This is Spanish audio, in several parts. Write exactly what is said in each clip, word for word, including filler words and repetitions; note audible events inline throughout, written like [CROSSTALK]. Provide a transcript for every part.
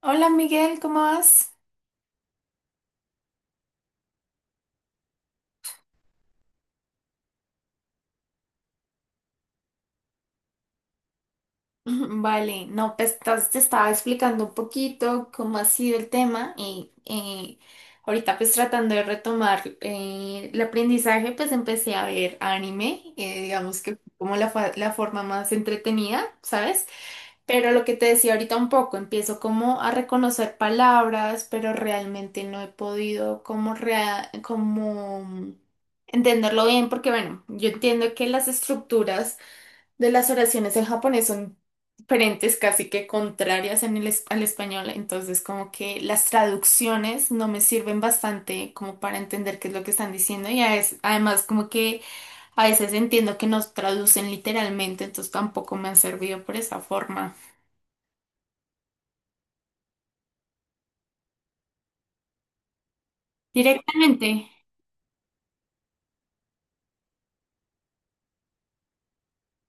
Hola Miguel, ¿cómo vas? [LAUGHS] Vale, no, pues estás- te estaba explicando un poquito cómo ha sido el tema y eh, ahorita pues tratando de retomar eh, el aprendizaje, pues empecé a ver anime, eh, digamos que fue como la, fa- la forma más entretenida, ¿sabes? Pero lo que te decía ahorita un poco, empiezo como a reconocer palabras, pero realmente no he podido como, rea- como entenderlo bien, porque bueno, yo entiendo que las estructuras de las oraciones en japonés son diferentes, casi que contrarias en el, es- al español, entonces como que las traducciones no me sirven bastante como para entender qué es lo que están diciendo y a es- además como que a veces entiendo que nos traducen literalmente, entonces tampoco me han servido por esa forma. Directamente.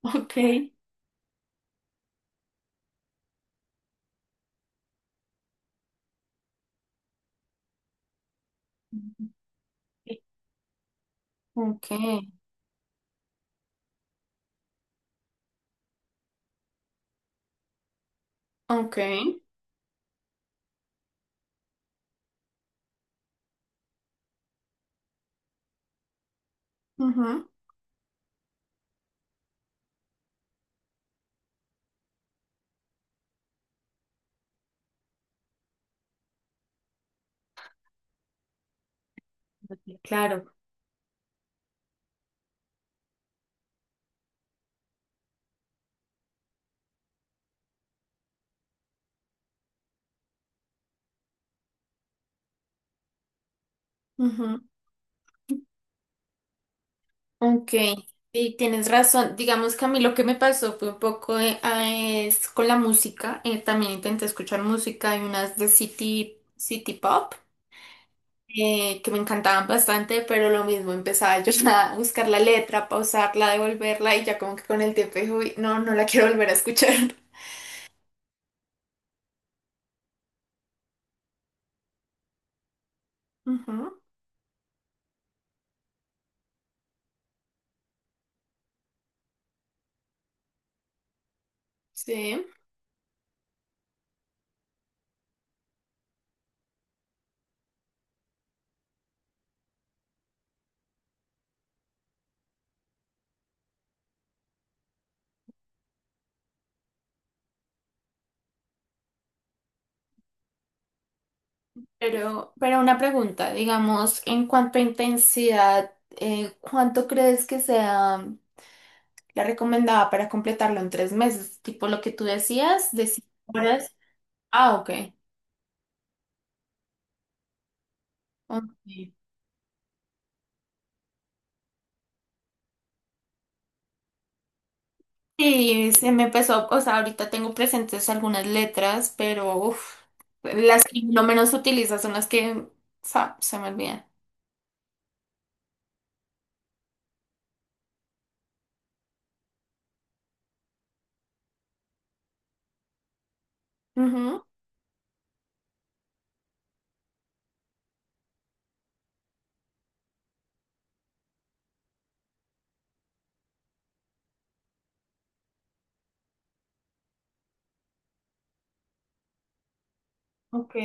[LAUGHS] Ok. Ok. Ok. Ujú. Claro. Ok, y tienes razón. Digamos que a mí lo que me pasó fue un poco eh, ah, es con la música. Eh, también intenté escuchar música, hay unas de City, City Pop eh, que me encantaban bastante, pero lo mismo empezaba yo [LAUGHS] a buscar la letra, pausarla, devolverla y ya como que con el tiempo dije: "Uy, no, no la [LAUGHS] quiero volver a escuchar". Ujú, sí, pero, pero una pregunta, digamos, en cuanto a intensidad, eh, ¿cuánto crees que sea? La recomendaba para completarlo en tres meses, tipo lo que tú decías, de cinco horas. Ah, ok. Ok. Sí, se me empezó, o sea, ahorita tengo presentes algunas letras, pero uf, las que lo menos utilizo son las que, o sea, se me olvidan. Ujú, ok.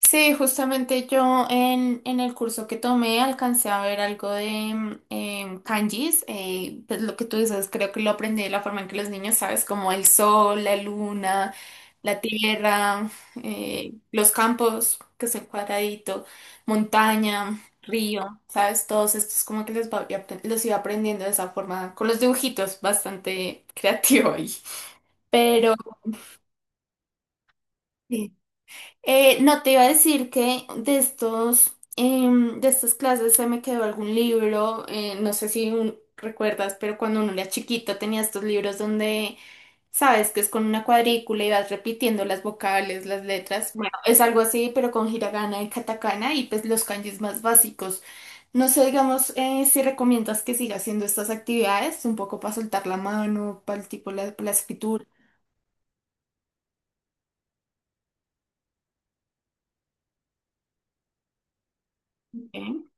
Sí, justamente yo en, en el curso que tomé alcancé a ver algo de mm, em, kanjis, eh, pues lo que tú dices, creo que lo aprendí de la forma en que los niños, sabes, como el sol, la luna, la tierra, eh, los campos, que es el cuadradito, montaña, río, sabes, todos estos como que les va- los iba aprendiendo de esa forma, con los dibujitos, bastante [LAUGHS] creativo ahí. Pero... sí. Eh, no te iba a decir que de estos, em, de estas clases se me quedó algún libro, eh, no sé si un- recuerdas, pero cuando uno era chiquito tenía estos libros donde sabes que es con una cuadrícula y vas repitiendo las vocales, las letras. Bueno, es algo así, pero con hiragana y katakana y pues los kanjis más básicos. No sé, digamos, eh, si recomiendas que siga haciendo estas actividades, un poco para soltar la mano, para el tipo la, la escritura. ¿Ok?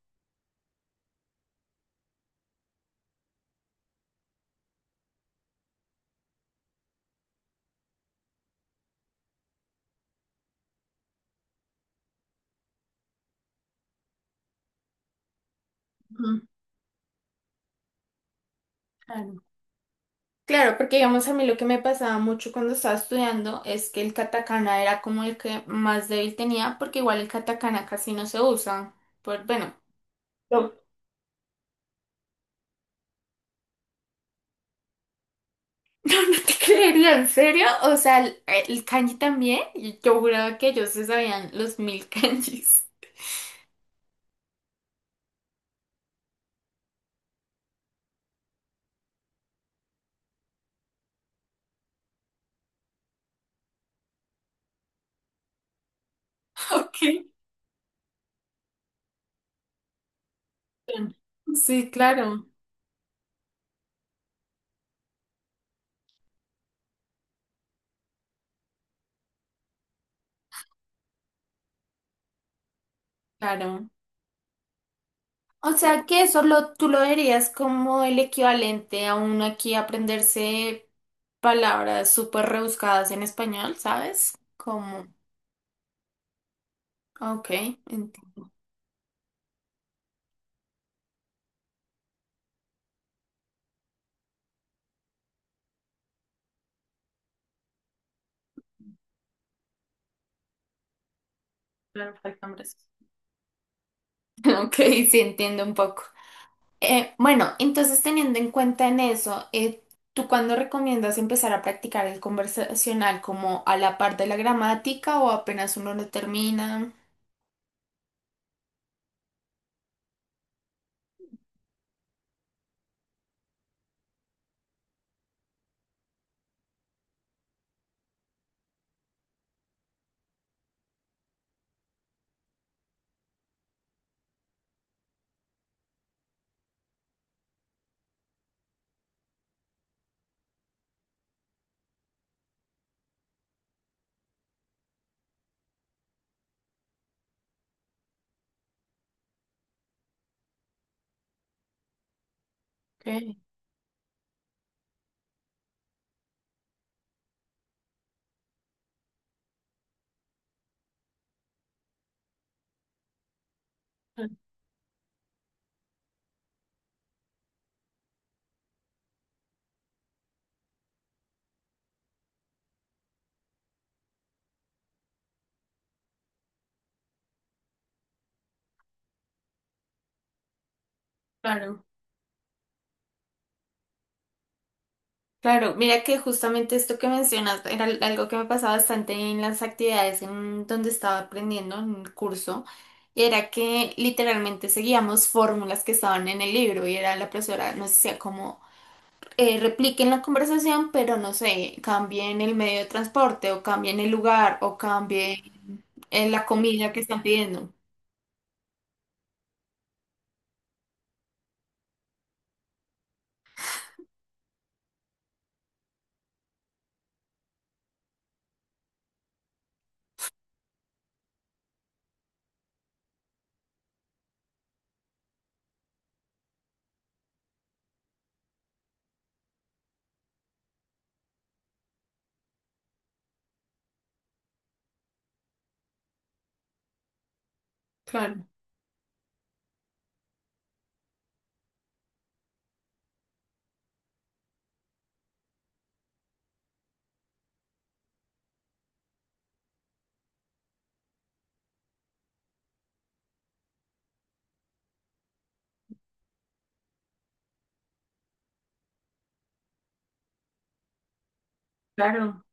Ujú, claro. Claro, porque digamos a mí lo que me pasaba mucho cuando estaba estudiando es que el katakana era como el que más débil tenía, porque igual el katakana casi no se usa. Por, bueno, no. [LAUGHS] No, no te creería, ¿en serio? O sea, el, el kanji también. y Yo juraba que ellos se sabían los mil kanjis. [LAUGHS] Ok. Sí, claro, claro. O sea que eso lo, tú lo verías como el equivalente a uno aquí aprenderse palabras súper rebuscadas en español, ¿sabes? Como... Ok, entiendo. Claro, faltan brazos. [LAUGHS] Ok, sí, entiendo un poco. Eh, bueno, entonces teniendo en cuenta en eso, eh, ¿tú cuándo recomiendas empezar a practicar el conversacional? ¿Como a la par de la gramática o apenas uno lo termina? Okay, claro. Claro, mira que justamente esto que mencionas era al- algo que me pasaba bastante en las actividades en donde estaba aprendiendo en el curso, y era que literalmente seguíamos fórmulas que estaban en el libro y era la profesora, nos decía como eh, repliquen la conversación, pero no sé, cambien el medio de transporte o cambien el lugar o cambien eh, la comida que están pidiendo. Claro. Claro.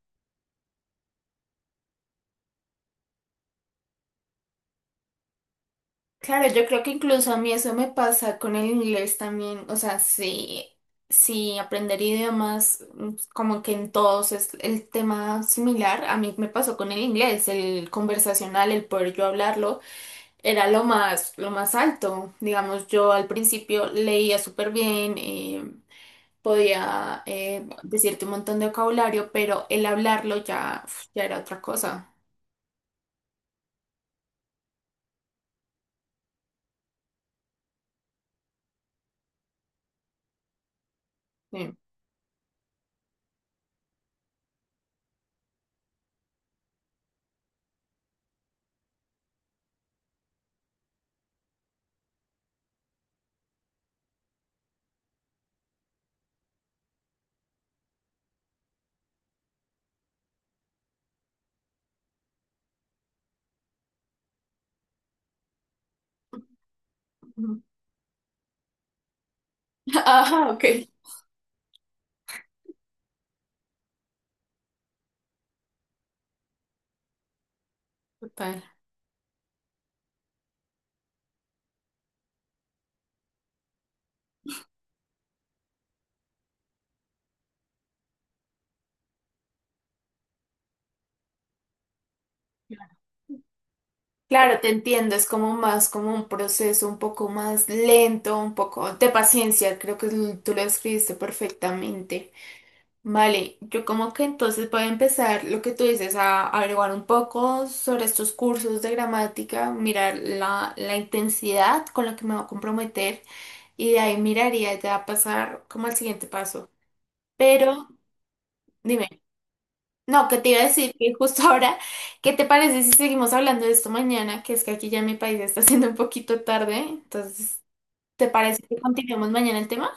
Claro, yo creo que incluso a mí eso me pasa con el inglés también, o sea, sí, sí, aprender idiomas, mm, como que en todos es el tema similar, a mí me pasó con el inglés, el conversacional, el poder yo hablarlo, era lo más, lo más alto, digamos, yo al principio leía súper bien, eh, podía eh, decirte un montón de vocabulario, pero el hablarlo ya, uf, ya era otra cosa. Sí. Ujú. [LAUGHS] Ajá, ok. Total. Claro, te entiendo, es como más como un proceso un poco más lento, un poco de paciencia, creo que l- tú lo describiste perfectamente. Vale, yo como que entonces voy a empezar lo que tú dices, a averiguar un poco sobre estos cursos de gramática, mirar la, la intensidad con la que me voy a comprometer y de ahí miraría ya pasar como al siguiente paso. Pero dime, no, que te iba a decir que justo ahora, ¿qué te parece si seguimos hablando de esto mañana? Que es que aquí ya en mi país está siendo un poquito tarde, entonces, ¿te parece que continuemos mañana el tema?